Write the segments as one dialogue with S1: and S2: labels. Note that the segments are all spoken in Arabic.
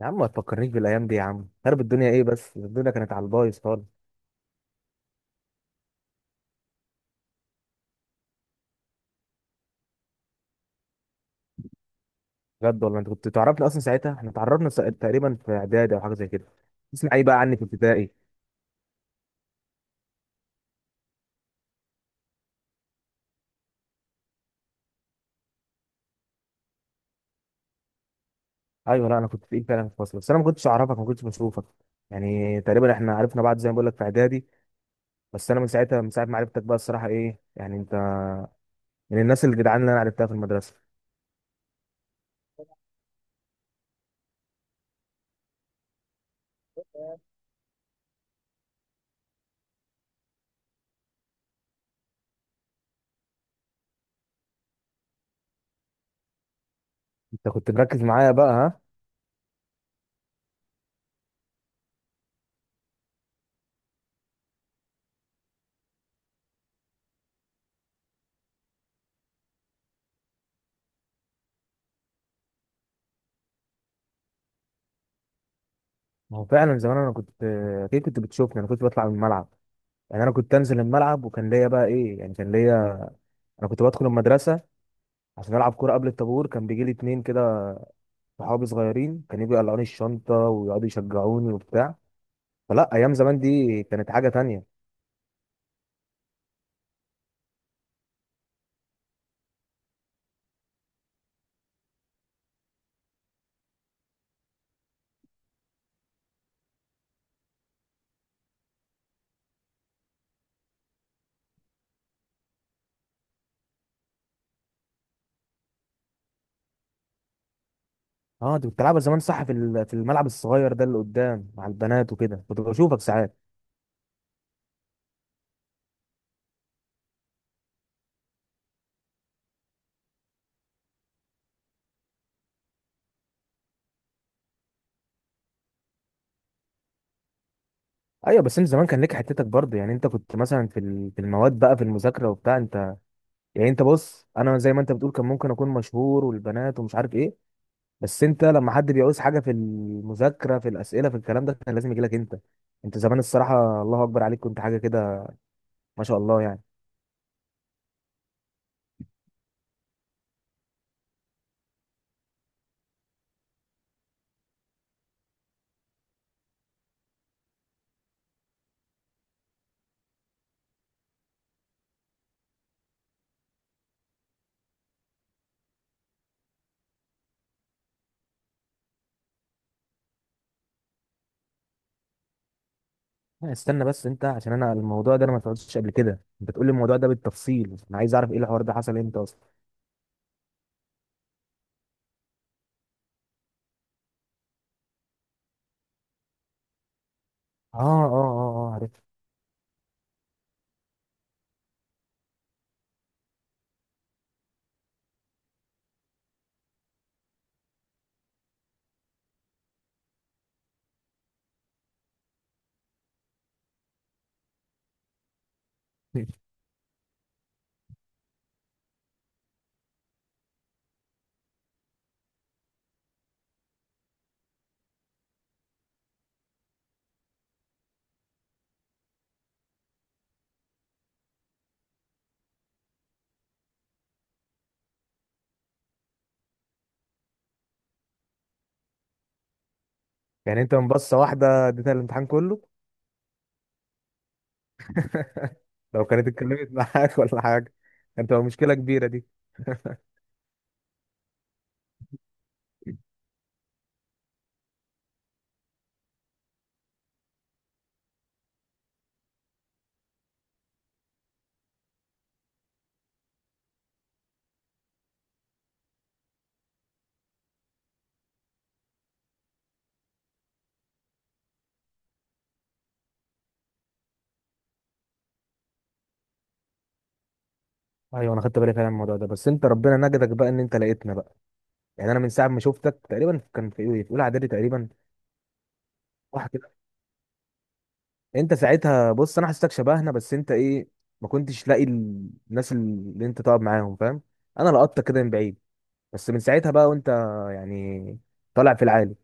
S1: يا عم ما تفكرنيش بالايام دي يا عم. خرب الدنيا ايه؟ بس الدنيا كانت على البايظ خالص. بجد والله انت كنت تعرفني اصلا ساعتها؟ احنا اتعرفنا تقريبا في اعدادي او حاجه زي كده. تسمع ايه بقى عني في ابتدائي؟ ايوه، لا انا كنت تقيل فعلا في الفصل، بس انا ما كنتش اعرفك، ما كنتش بشوفك. يعني تقريبا احنا عرفنا بعض زي ما بقول لك في اعدادي. بس انا من ساعتها، من ساعه ما عرفتك بقى الصراحه، ايه يعني انت من الناس الجدعان اللي انا عرفتها في المدرسه. انت كنت مركز معايا بقى ها؟ ما هو فعلا زمان انا كنت، اكيد كنت بتشوفني. انا كنت بطلع من الملعب، يعني انا كنت انزل الملعب وكان ليا بقى ايه، يعني كان ليا. انا كنت بدخل المدرسه عشان العب كوره قبل الطابور. كان بيجي لي اتنين كده صحابي صغيرين، كانوا يجوا يقلعوني الشنطه ويقعدوا يشجعوني وبتاع. فلا، ايام زمان دي كانت حاجه تانية. اه انت كنت بتلعبها زمان صح، في في الملعب الصغير ده اللي قدام مع البنات وكده، كنت بشوفك ساعات. ايوه بس انت زمان كان ليك حتتك برضه. يعني انت كنت مثلا في في المواد بقى، في المذاكره وبتاع انت. يعني انت بص، انا زي ما انت بتقول كان ممكن اكون مشهور والبنات ومش عارف ايه، بس انت لما حد بيعوز حاجه في المذاكره، في الاسئله، في الكلام ده، كان لازم يجي لك انت. انت زمان الصراحه الله اكبر عليك، كنت حاجه كده ما شاء الله يعني. استنى بس، انت عشان انا الموضوع ده انا ما سمعتش قبل كده، انت تقول لي الموضوع ده بالتفصيل، انا عايز اعرف ايه الحوار ده، حصل امتى اصلا؟ اه اه اه اه، عرفت. يعني انت من بصه واحده اديتها الامتحان كله؟ لو كانت اتكلمت معاك ولا حاجه، انت هو مشكله كبيره دي. ايوه، انا خدت بالي فعلا من الموضوع ده. بس انت ربنا نجدك بقى ان انت لقيتنا بقى. يعني انا من ساعه ما شفتك تقريبا، كان في ايه، في اولى اعدادي تقريبا، واحد. انت ساعتها بص، انا حسيتك شبهنا، بس انت ايه، ما كنتش لاقي الناس اللي انت تقعد معاهم، فاهم؟ انا لقطتك كده من بعيد. بس من ساعتها بقى وانت يعني طالع في العالي.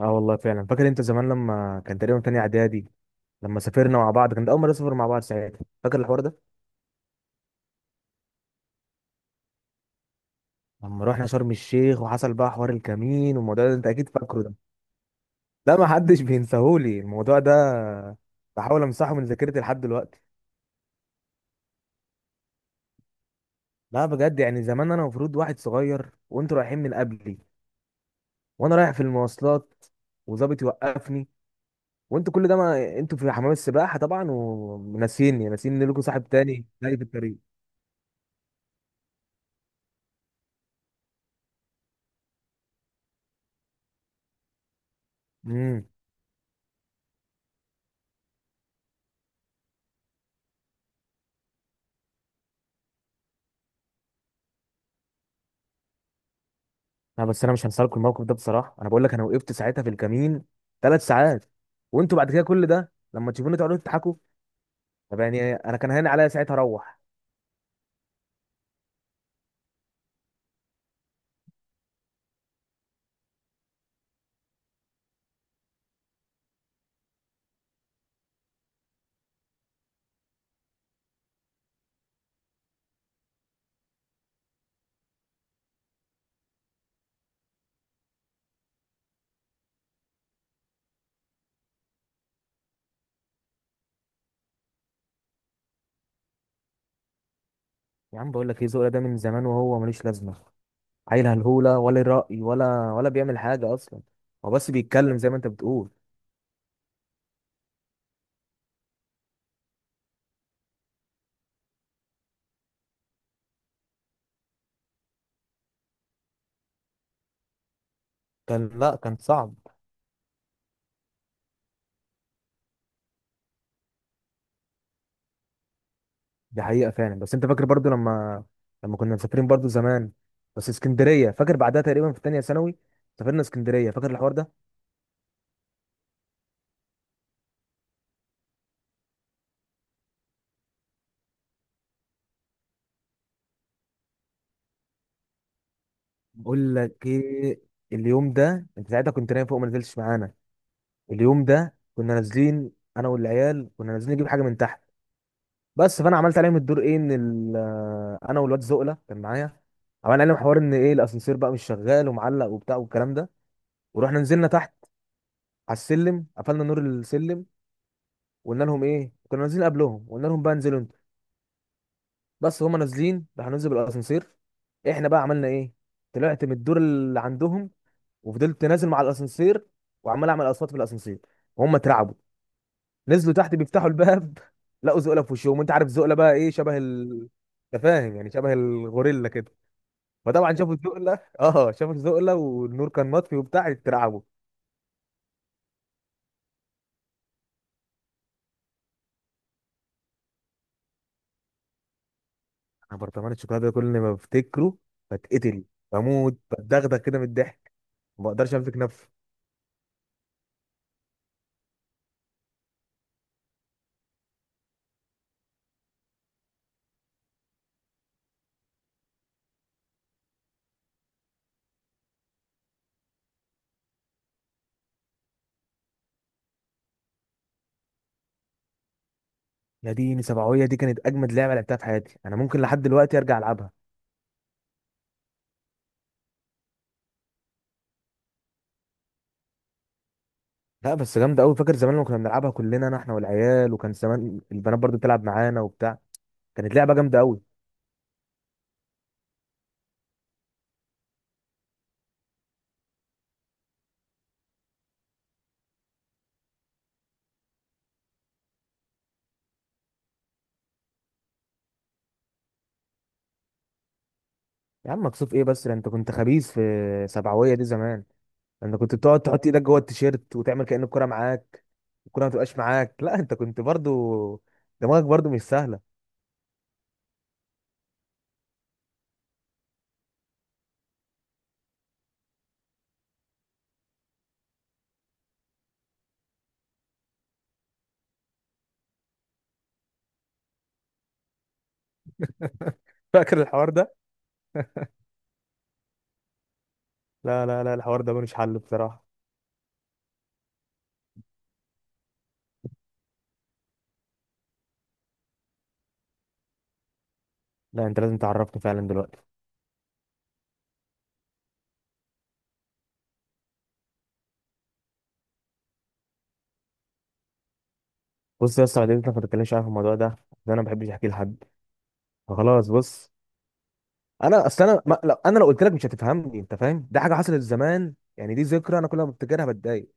S1: اه والله فعلا، فاكر انت زمان لما كان تقريبا تاني اعدادي، لما سافرنا مع بعض، كان ده اول مره نسافر مع بعض ساعتها؟ فاكر الحوار ده؟ لما رحنا شرم الشيخ وحصل بقى حوار الكمين والموضوع ده، انت اكيد فاكره ده. لا، ما حدش بينساهولي الموضوع ده، بحاول امسحه من ذاكرتي لحد دلوقتي. لا بجد يعني زمان، انا المفروض واحد صغير وانتوا رايحين من قبلي، وانا رايح في المواصلات، وظابط يوقفني، وانتوا كل ده ما انتوا في حمام السباحه طبعا، وناسيني، ناسيين ان لكم صاحب تاني جاي في الطريق. امم لا بس انا مش هنسى لكم الموقف ده بصراحه. انا بقول لك، انا وقفت ساعتها في الكمين ثلاث ساعات، وانتوا بعد كده كل ده لما تشوفوني تقعدوا تضحكوا. طب يعني انا كان هين عليا ساعتها اروح. يا عم بقول لك ايه، ذوقي ده من زمان وهو ملوش لازمه. عيل هلهوله، ولا ليه راي، ولا بيعمل حاجه اصلا، هو بس بيتكلم زي ما انت بتقول. كان، لا كان صعب. دي حقيقة فعلا. بس انت فاكر برضو لما كنا مسافرين برضو زمان؟ بس اسكندرية، فاكر؟ بعدها تقريبا في تانية ثانوي سافرنا اسكندرية، فاكر الحوار ده؟ بقول لك ايه، اليوم ده انت ساعتها كنت نايم فوق، ما نزلتش معانا. اليوم ده كنا نازلين، انا والعيال كنا نازلين نجيب حاجة من تحت. بس فانا عملت عليهم الدور ايه، ان انا والواد زقلة كان معايا، عملنا عليهم حوار ان ايه الاسانسير بقى مش شغال ومعلق وبتاع والكلام ده. ورحنا نزلنا تحت، على السلم قفلنا نور السلم. وقلنا لهم ايه، كنا نازلين قبلهم، قلنا لهم بقى انزلوا انتوا. بس هما نازلين راح ننزل بالاسانسير. احنا بقى عملنا ايه، طلعت من الدور اللي عندهم، وفضلت نازل مع الاسانسير، وعمال اعمل اصوات في الاسانسير. وهم اترعبوا، نزلوا تحت بيفتحوا الباب لقوا زقله في وشهم. انت عارف زقله بقى ايه، شبه انت فاهم يعني، شبه الغوريلا كده. فطبعا شافوا الزقله اه، شافوا الزقله والنور كان مطفي وبتاع، اترعبوا. انا برطمان الشوكولاته ده كل ما بفتكره بتقتل، بموت، بتدغدغ كده من الضحك، ما بقدرش امسك نفسي. ناديني، سبعوية دي كانت اجمد لعبه لعبتها في حياتي، انا ممكن لحد دلوقتي ارجع العبها. لا بس جامده قوي. فاكر زمان لما كنا بنلعبها كلنا، انا، احنا والعيال، وكان زمان البنات برضو بتلعب معانا وبتاع، كانت لعبه جامده قوي. يا عم مكسوف ايه بس، ده انت كنت خبيث في سبعوية دي زمان. ده انت كنت بتقعد تحط ايدك جوه التيشيرت وتعمل كأن الكرة معاك. الكرة ما تبقاش معاك. لا انت كنت برضو دماغك برضو مش سهله. فاكر الحوار ده؟ لا لا لا الحوار ده ملوش حل بصراحه. لا انت لازم تعرفني فعلا دلوقتي. بص يا اسطى، والدتي ما تتكلمش، عارف الموضوع ده عشان انا ما بحبش احكي لحد، فخلاص بص. انا اصل انا ما... لو انا لو قلت لك مش هتفهمني انت، فاهم؟ دي حاجه حصلت زمان يعني، دي ذكرى انا كل ما بفتكرها بتضايق،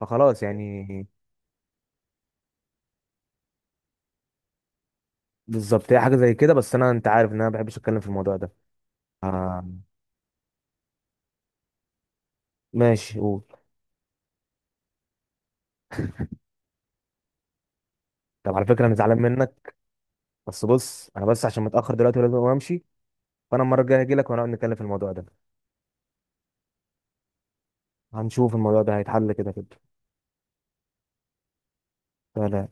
S1: فخلاص يعني. بالظبط هي حاجه زي كده، بس انا انت عارف ان انا ما بحبش اتكلم في الموضوع ده. آه... ماشي قول. طب على فكره انا زعلان منك. بس بص، انا بس عشان متاخر دلوقتي ولازم امشي، فانا المره الجايه هجي لك ونقعد نتكلم في الموضوع ده. هنشوف الموضوع ده هيتحل كده كده. سلام.